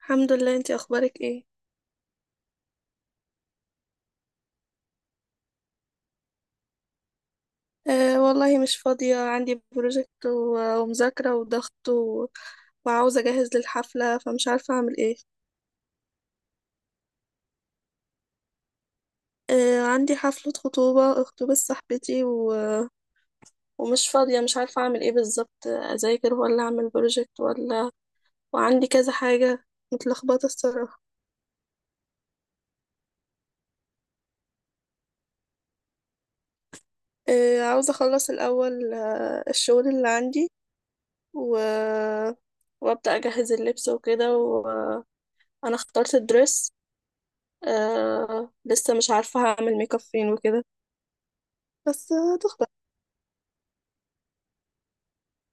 الحمد لله، انتي اخبارك ايه؟ آه والله مش فاضية. عندي بروجكت ومذاكرة وضغط وعاوزة اجهز للحفلة، فمش عارفة اعمل ايه. آه، عندي حفلة خطوبة صاحبتي ومش فاضية، مش عارفة اعمل ايه بالظبط، اذاكر ولا اعمل بروجكت ولا. وعندي كذا حاجة. متلخبطة الصراحة. آه، عاوزة اخلص الاول. الشغل اللي عندي و... وابدأ اجهز اللبس وكده. وانا اخترت الدرس. لسه مش عارفة هعمل ميك اب فين وكده، بس هتخطر.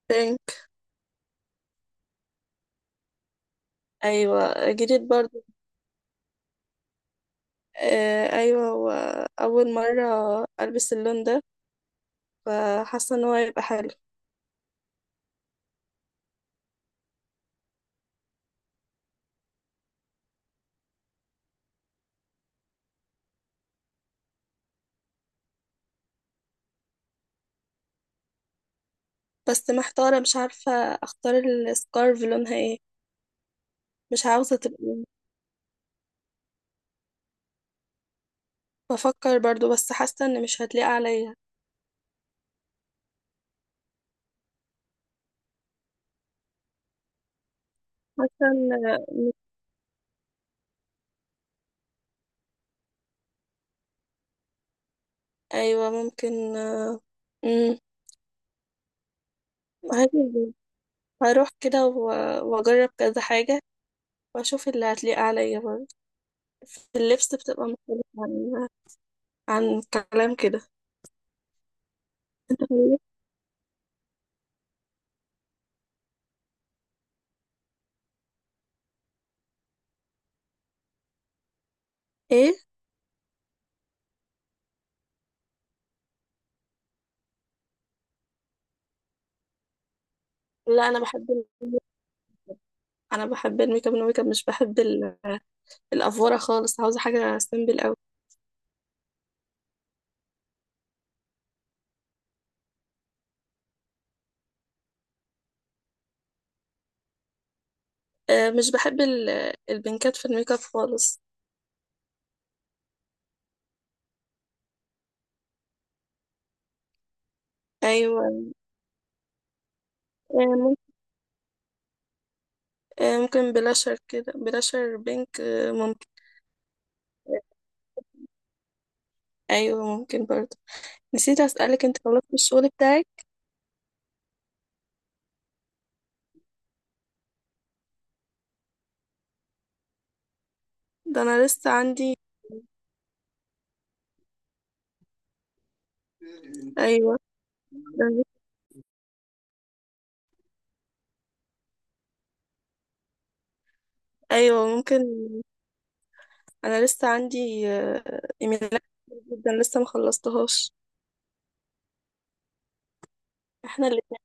تاني. أيوة، جديد برضه. آه، أيوة، وأول مرة ألبس اللون ده، فحاسة إن هو هيبقى حلو. بس محتارة، مش عارفة أختار السكارف لونها ايه. مش عاوزة تبقى. بفكر برضه، بس حاسة إن مش هتليق عليا. حاسة إن. أيوة، ممكن. مم. هجيب- هروح كده وأجرب كذا حاجة، وأشوف اللي هتليق عليا برضه. في اللبس بتبقى مختلفة عن كلام كده. ايه. لا، ال- انا بحب الميك اب. الميك اب مش بحب الافوره خالص. عاوزه حاجه سيمبل قوي. مش بحب البنكات في الميك اب خالص. ايوه. آه، ممكن، آه، ممكن بلاشر كده، بلاشر بينك. آه، ممكن. ايوه، ممكن برضه. نسيت اسالك، انت خلصت الشغل بتاعك؟ ده انا لسه عندي. ايوه. ده أنا لسه- ايوه، ممكن. انا لسه عندي ايميلات كتير جدا، لسه ما خلصتهاش. احنا الاتنين.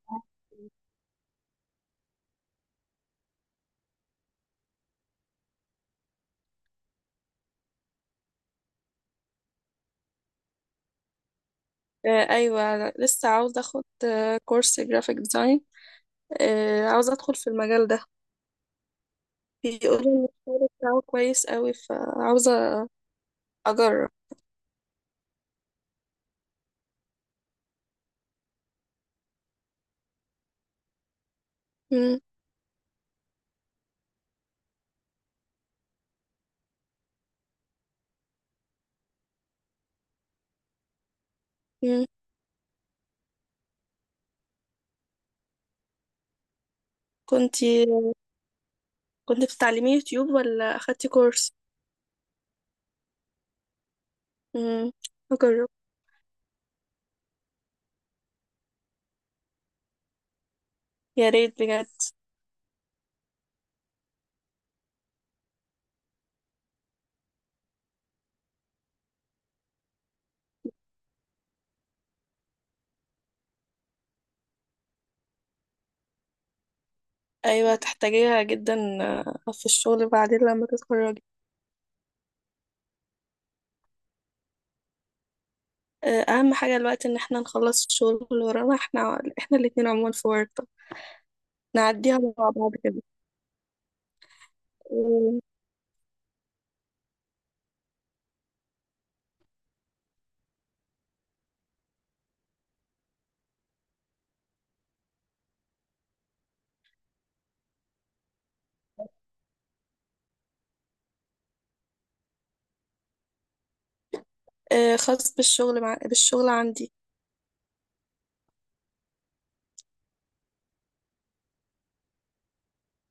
آه، ايوه، أنا لسه عاوزه اخد كورس جرافيك ديزاين. عاوزه ادخل في المجال ده. بيقولوا ان الشغل بتاعه كويس قوي، فعاوزه اجرب. مم. مم. كنتي كنت بتتعلمي يوتيوب ولا اخدتي كورس؟ مم. اجرب. يا ريت بجد. ايوه، تحتاجيها جدا في الشغل بعدين لما تتخرجي. اهم حاجه دلوقتي ان احنا نخلص الشغل اللي ورانا، احنا الاتنين عموما في ورطه. نعديها مع بعض كده. آه، خاص بالشغل بالشغل عندي.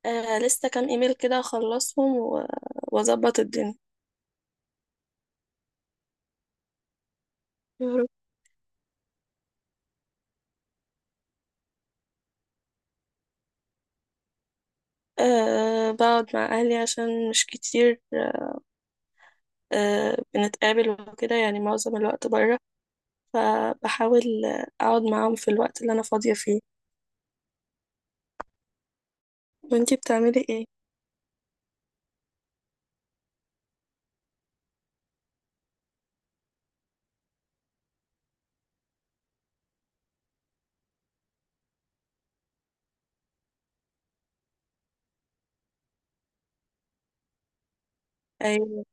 آه، لسه كام ايميل كده اخلصهم واظبط الدنيا. يا رب. أه، بقعد مع أهلي عشان مش كتير. بنتقابل وكده، يعني معظم الوقت برا، فبحاول أقعد معاهم في الوقت اللي أنا فاضية فيه. وانتي بتعملي ايه؟ أيوة.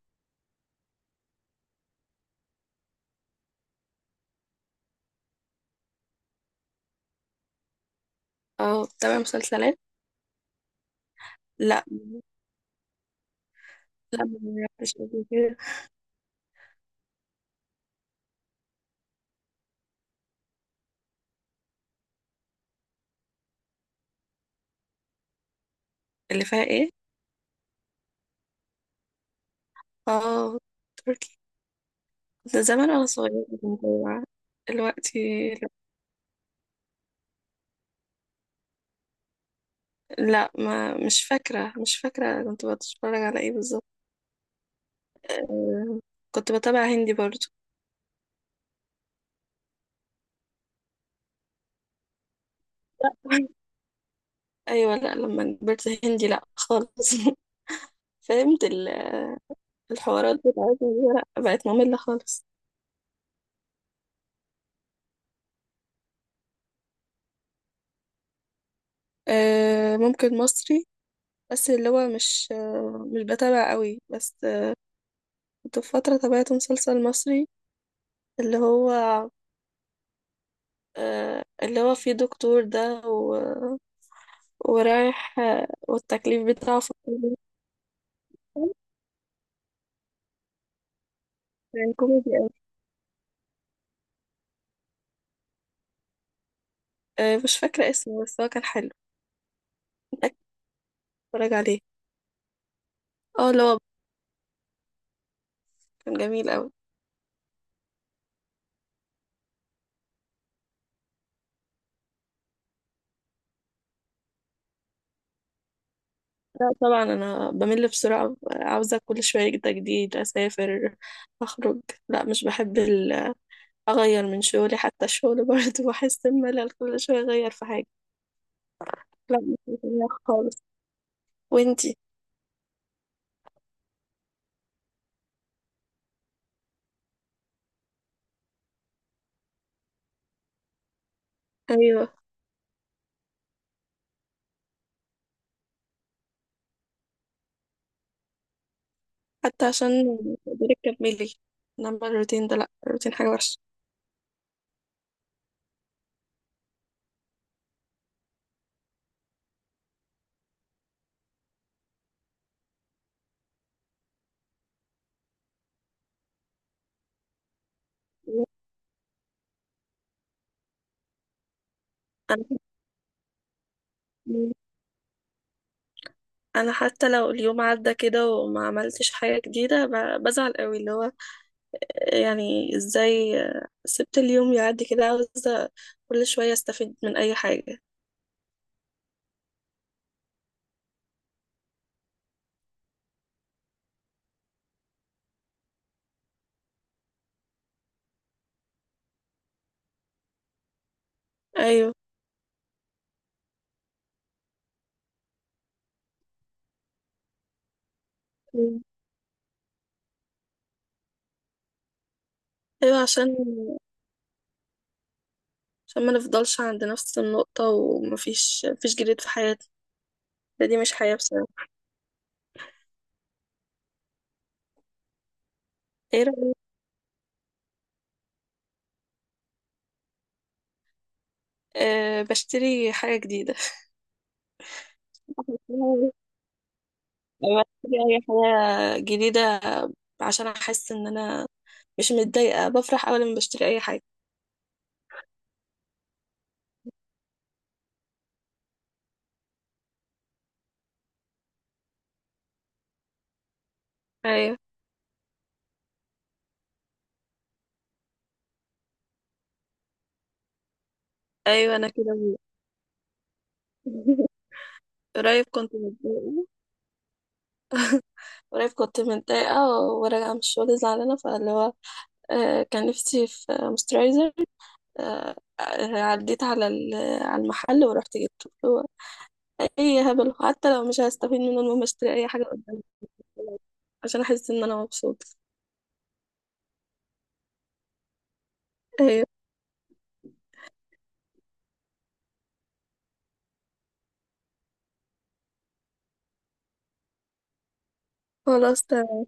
اه بتابعي مسلسلات؟ لا. لا، ما بتابعش قبل كده. اللي فيها ايه؟ اه، تركي. ده زمان أنا صغيرة كنت بتابع. دلوقتي لا، ما مش فاكرة، مش فاكرة كنت بتفرج على ايه بالظبط. آه، كنت بتابع هندي برضو. ايوه، لا، لما كبرت هندي لا خالص. فهمت الحوارات بتاعتنا دي، لا بقت مملة خالص. آه، ممكن مصري. بس اللي هو مش بتابع قوي، بس كنت في فترة تابعت مسلسل مصري اللي هو اللي هو فيه دكتور ده ورايح والتكليف بتاعه في الكلية. كان كوميدي. مش فاكرة اسمه، بس هو كان حلو. متأكدة اتفرج عليه. اه، اللي هو كان جميل أوي. لا طبعا، أنا بمل بسرعة، عاوزة كل شوية تجديد، أسافر، أخرج. لا، مش بحب أغير من شغلي. حتى الشغل برضه بحس بملل، كل شوية أغير في حاجة. لا، مش بحبها خالص. وانتي؟ أيوه، حتى عشان تقدري تكملي. إنما الروتين ده، لا، الروتين حاجة وحشة. أنا أنا حتى لو اليوم عدى كده وما عملتش حاجة جديدة بزعل قوي، اللي هو يعني ازاي سبت اليوم يعدي كده، عاوزة كل شوية استفيد من اي حاجة. ايوه. مم. ايوه، عشان ما نفضلش عند نفس النقطة، ومفيش جديد في حياتنا. دي مش حياة بصراحة. ايه رأيك؟ أه، بشتري حاجة جديدة. بشتري اي حاجة جديدة عشان احس ان انا مش متضايقة، بفرح اول ما بشتري اي حاجة. ايوه، ايوه، انا كده. قريب كنت متضايقة قريب كنت متضايقة وراجعة من الشغل زعلانة، فاللي هو كان نفسي في مسترايزر. عديت على على المحل ورحت جبته. هو أي هبل، حتى لو مش هستفيد منه، المهم اشتري أي حاجة قدامي عشان أحس إن أنا مبسوطة. أيوة، خلاص، تمام.